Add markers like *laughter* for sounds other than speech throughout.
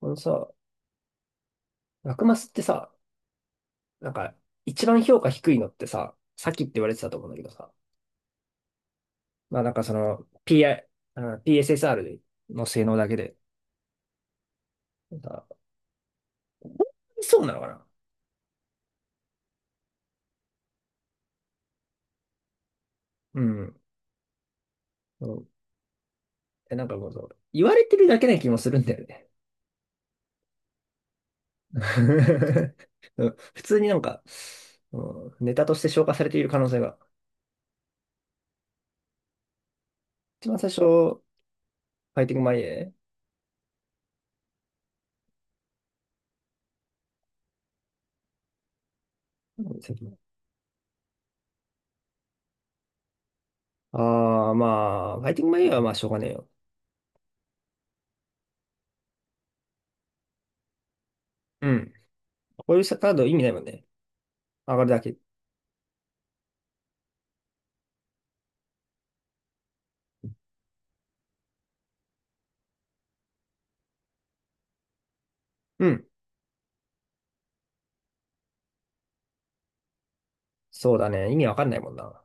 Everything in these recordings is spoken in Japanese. このさ、ラクマスってさ、なんか、一番評価低いのってさ、さっきって言われてたと思うんだけどさ、まあなんかその、PI、あの PSSR の性能だけで、なんかそうなのかな。うん。うんえ、なんかもうそう、言われてるだけな気もするんだよね。*laughs* うん、普通になんか、うん、ネタとして消化されている可能性が。一番最初、ファイティングマイエー。ああー、まあ、ファイティングマイエーはまあしょうがねえよ。うん。こういうカード意味ないもんね。上がるだけ。うん。そうだね。意味わかんないもんな。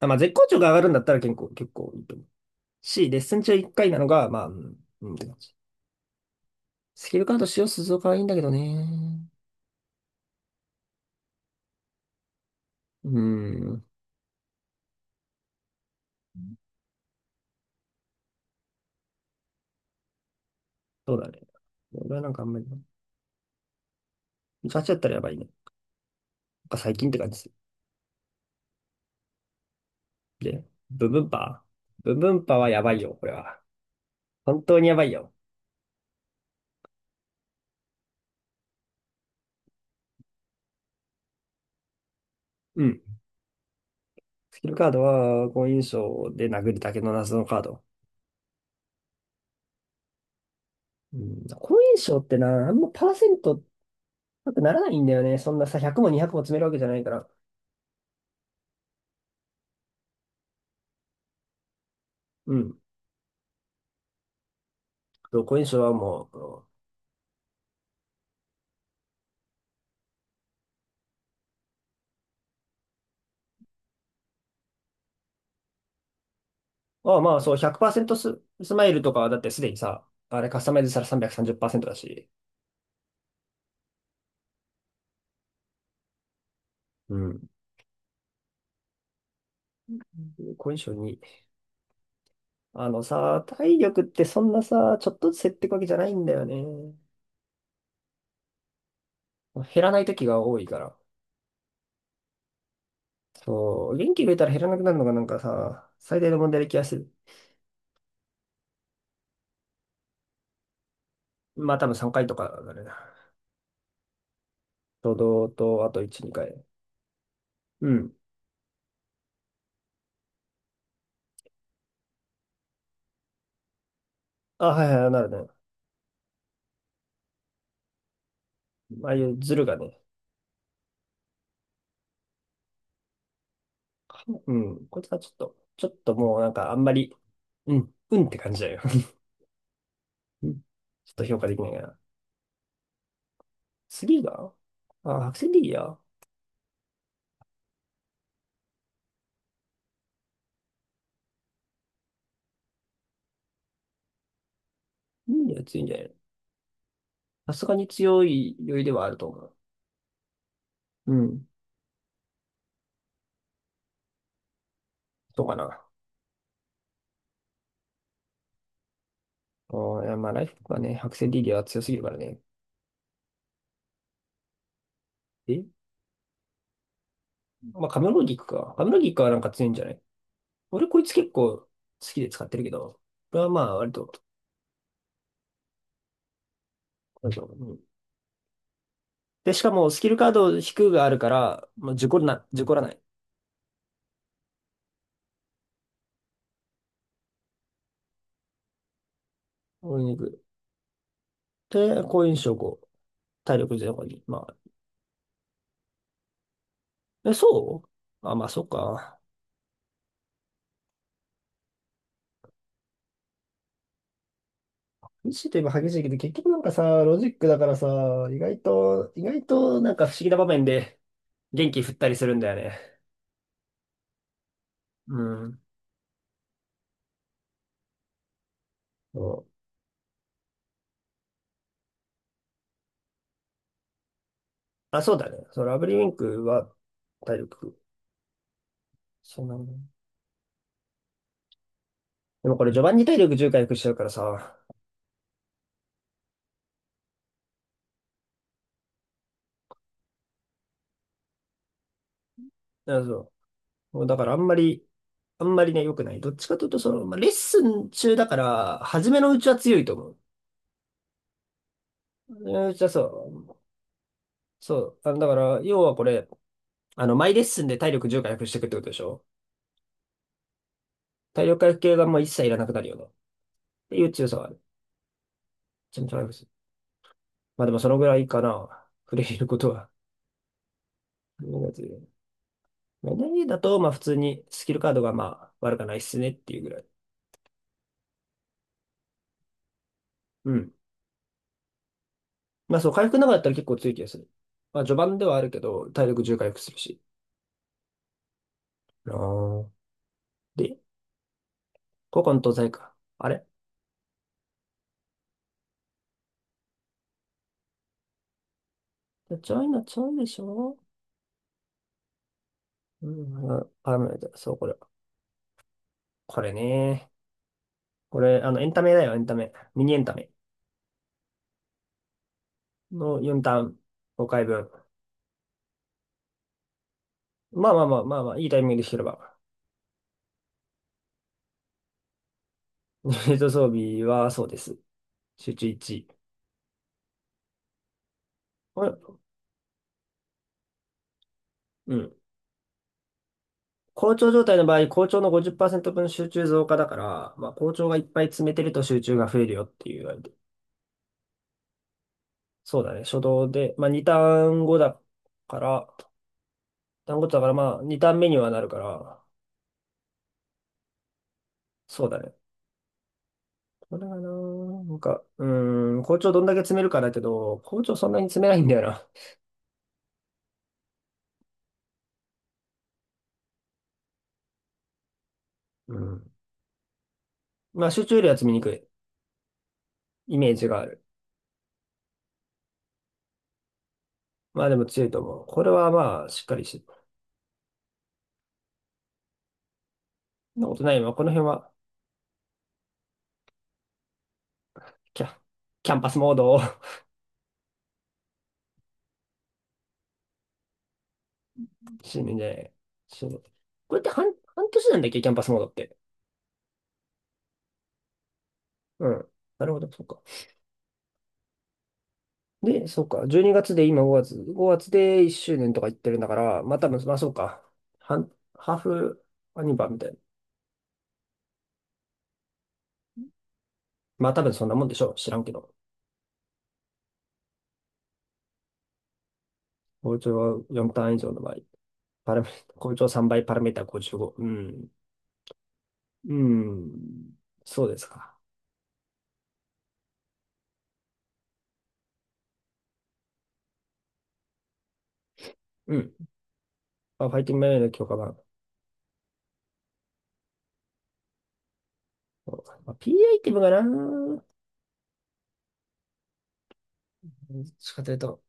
あ、まあ、絶好調が上がるんだったら結構いいと思う。し、レッスン中1回なのが、まあ、うん、うんって感じ。スキルカード使用するぞかはいいんだけどね。うん、そうだね。俺はなんかあんまり、ガチだったらやばいね。なんか最近って感じで、ブンブンパー、ブンブンパーはやばいよ、これは。本当にやばいよ。うん。スキルカードは、好印象で殴るだけの謎のカード。うん。好印象ってな、あんまパーセント高くならないんだよね。そんなさ、100も200も詰めるわけじゃないから。うん。どこにそれはもう、ああ、まあそう、100%スマイルとかはだってすでにさ、あれカスタマイズしたら330%だし、うん。コ印象に。あのさ、体力ってそんなさ、ちょっとずつ減っていくわけじゃないんだよね。減らない時が多いから。そう、元気入れたら減らなくなるのがなんかさ、最大の問題で気がする。まあ多分3回とかだね。と動と、あと1、2回。うん。あ、はいはい、なるね。ああいうズルがね。うん。こいつはちょっと、ちょっともうなんかあんまり、うん、うんって感じだよ。*laughs* うん、ちょっと評価できないかな。次が、あ、白線リーア。ー。いいね、強いんじゃないの。さすがに強い酔いではあると思う。うん。そうかな。あ、いやまあ、ライフがね、白線リィアは強すぎるからね。え、まあ、カムロギクか。カムロギクはなんか強いんじゃない、俺こいつ結構好きで使ってるけど、これはまあ、割と、うん。で、しかも、スキルカード引くがあるから、まあ、事故らない。俺に行く。で、好印象5。体力ゼロに。まあ、え、そう、あ、まあ、そっか。激しいといえば激しいけど、結局なんかさ、ロジックだからさ、意外となんか不思議な場面で元気振ったりするんだよね。うん。そう、あ、そうだね。そう、ラブリーウィンクは体力、そんなもん。でもこれ序盤に体力重0回復しちゃうからさ、あ、そう。もうだからあんまり、あんまりね、良くない。どっちかというと、その、まあ、レッスン中だから、初めのうちは強いと思う。初めのうちはそう。そう。あの、だから、要はこれ、あの、毎レッスンで体力重0回復していくってことでしょ。体力回復系がもう一切いらなくなるよね。っていう強さはある。ちゃんとあります。まあでもそのぐらいかな。触れることは。うん、まあ n だと、まあ普通にスキルカードがまあ悪くないっすねっていうぐらい。うん。まあそう、回復なかったら結構強い気がする。まあ序盤ではあるけど、体力10回復するし。あー、で、古今東西か。あれ、ちょいな、ちょいでしょ。うん、あ、パラメライそう、これ。これね。これ、あの、エンタメだよ、エンタメ。ミニエンタメの4ターン、5回分。まあ、まあ、まあ、まあ、まあ、いいタイミングで弾てれば。*laughs* ユニット装備はそうです。集中1。これ、うん。好調状態の場合、好調の50%分集中増加だから、まあ好調がいっぱい詰めてると集中が増えるよって言われて。そうだね。初動で、まあ2ターン後だから、単語だからまあ2ターン目にはなるから、そうだね。これがな、なんか、うーん、好調どんだけ詰めるかだけど、好調そんなに詰めないんだよな。うん。まあ集中よりは詰めにくいイメージがある。まあでも強いと思う。これはまあしっかりしてる、そんなことない。まあこの辺はキャ、キャンパスモードを。 *laughs* 死ぬんじゃない *laughs*。そう、これって半、半年なんだっけ、キャンパスモードって。うん。なるほど、そうか。で、そうか。12月で今5月。5月で1周年とか言ってるんだから、まあ多分、まあそうか。半、ハーフアニバーみたいな。まあ多分そんなもんでしょう。知らんけど。校長4単ン以上の場合。パラメ、校長3倍、パラメータ55。うん。うん。そうですか。うん。まあ、ファイティングメインの強化版。そう、まあ、P アイティムがな、どっちかというと、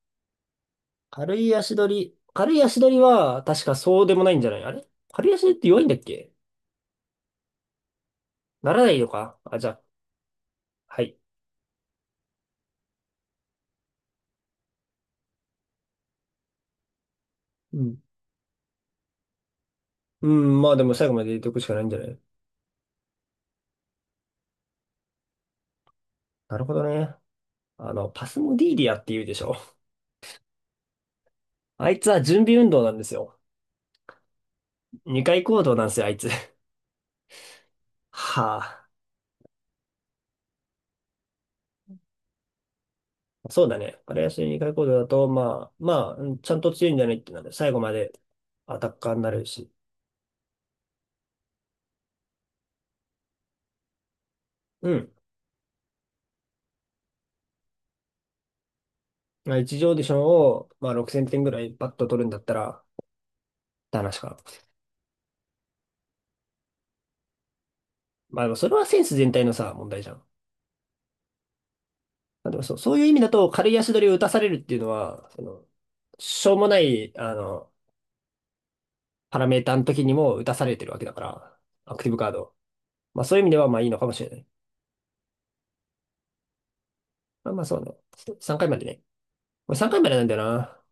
軽い足取りは確かそうでもないんじゃない、あれ、軽い足取りって弱いんだっけ。ならないのかあ、じゃあ、はい。うん。うん、まあでも最後まで入れておくしかないんじゃない。なるほどね。あの、パスモディーリアって言うでしょ。あいつは準備運動なんですよ。二回行動なんですよ、あいつ。はあ。そうだね。軽い足取り二回行動だと、まあ、まあ、うん、ちゃんと強いんじゃないってなる。最後までアタッカーになれるし。うん。まあ、一次オーディションを、まあ、6000点ぐらいパッと取るんだったら、って話かな。まあ、でもそれはセンス全体のさ、問題じゃん。まあ、でもそう、そういう意味だと、軽い足取りを打たされるっていうのは、その、しょうもない、あの、パラメーターの時にも打たされてるわけだから、アクティブカード、まあ、そういう意味では、まあ、いいのかもしれない。まあ、まあ、そうね。3回までね。これ3回までなんだよな。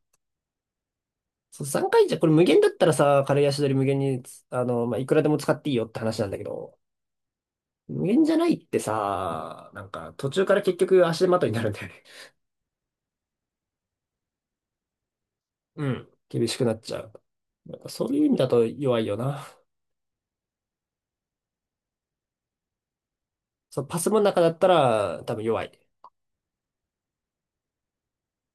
そう、3回じゃ、これ無限だったらさ、軽い足取り無限に、あの、まあ、いくらでも使っていいよって話なんだけど、無限じゃないってさ、なんか、途中から結局足手まといになるんだよね。うん。厳しくなっちゃう。なんかそういう意味だと弱いよな。そう、パスもの中だったら多分弱い。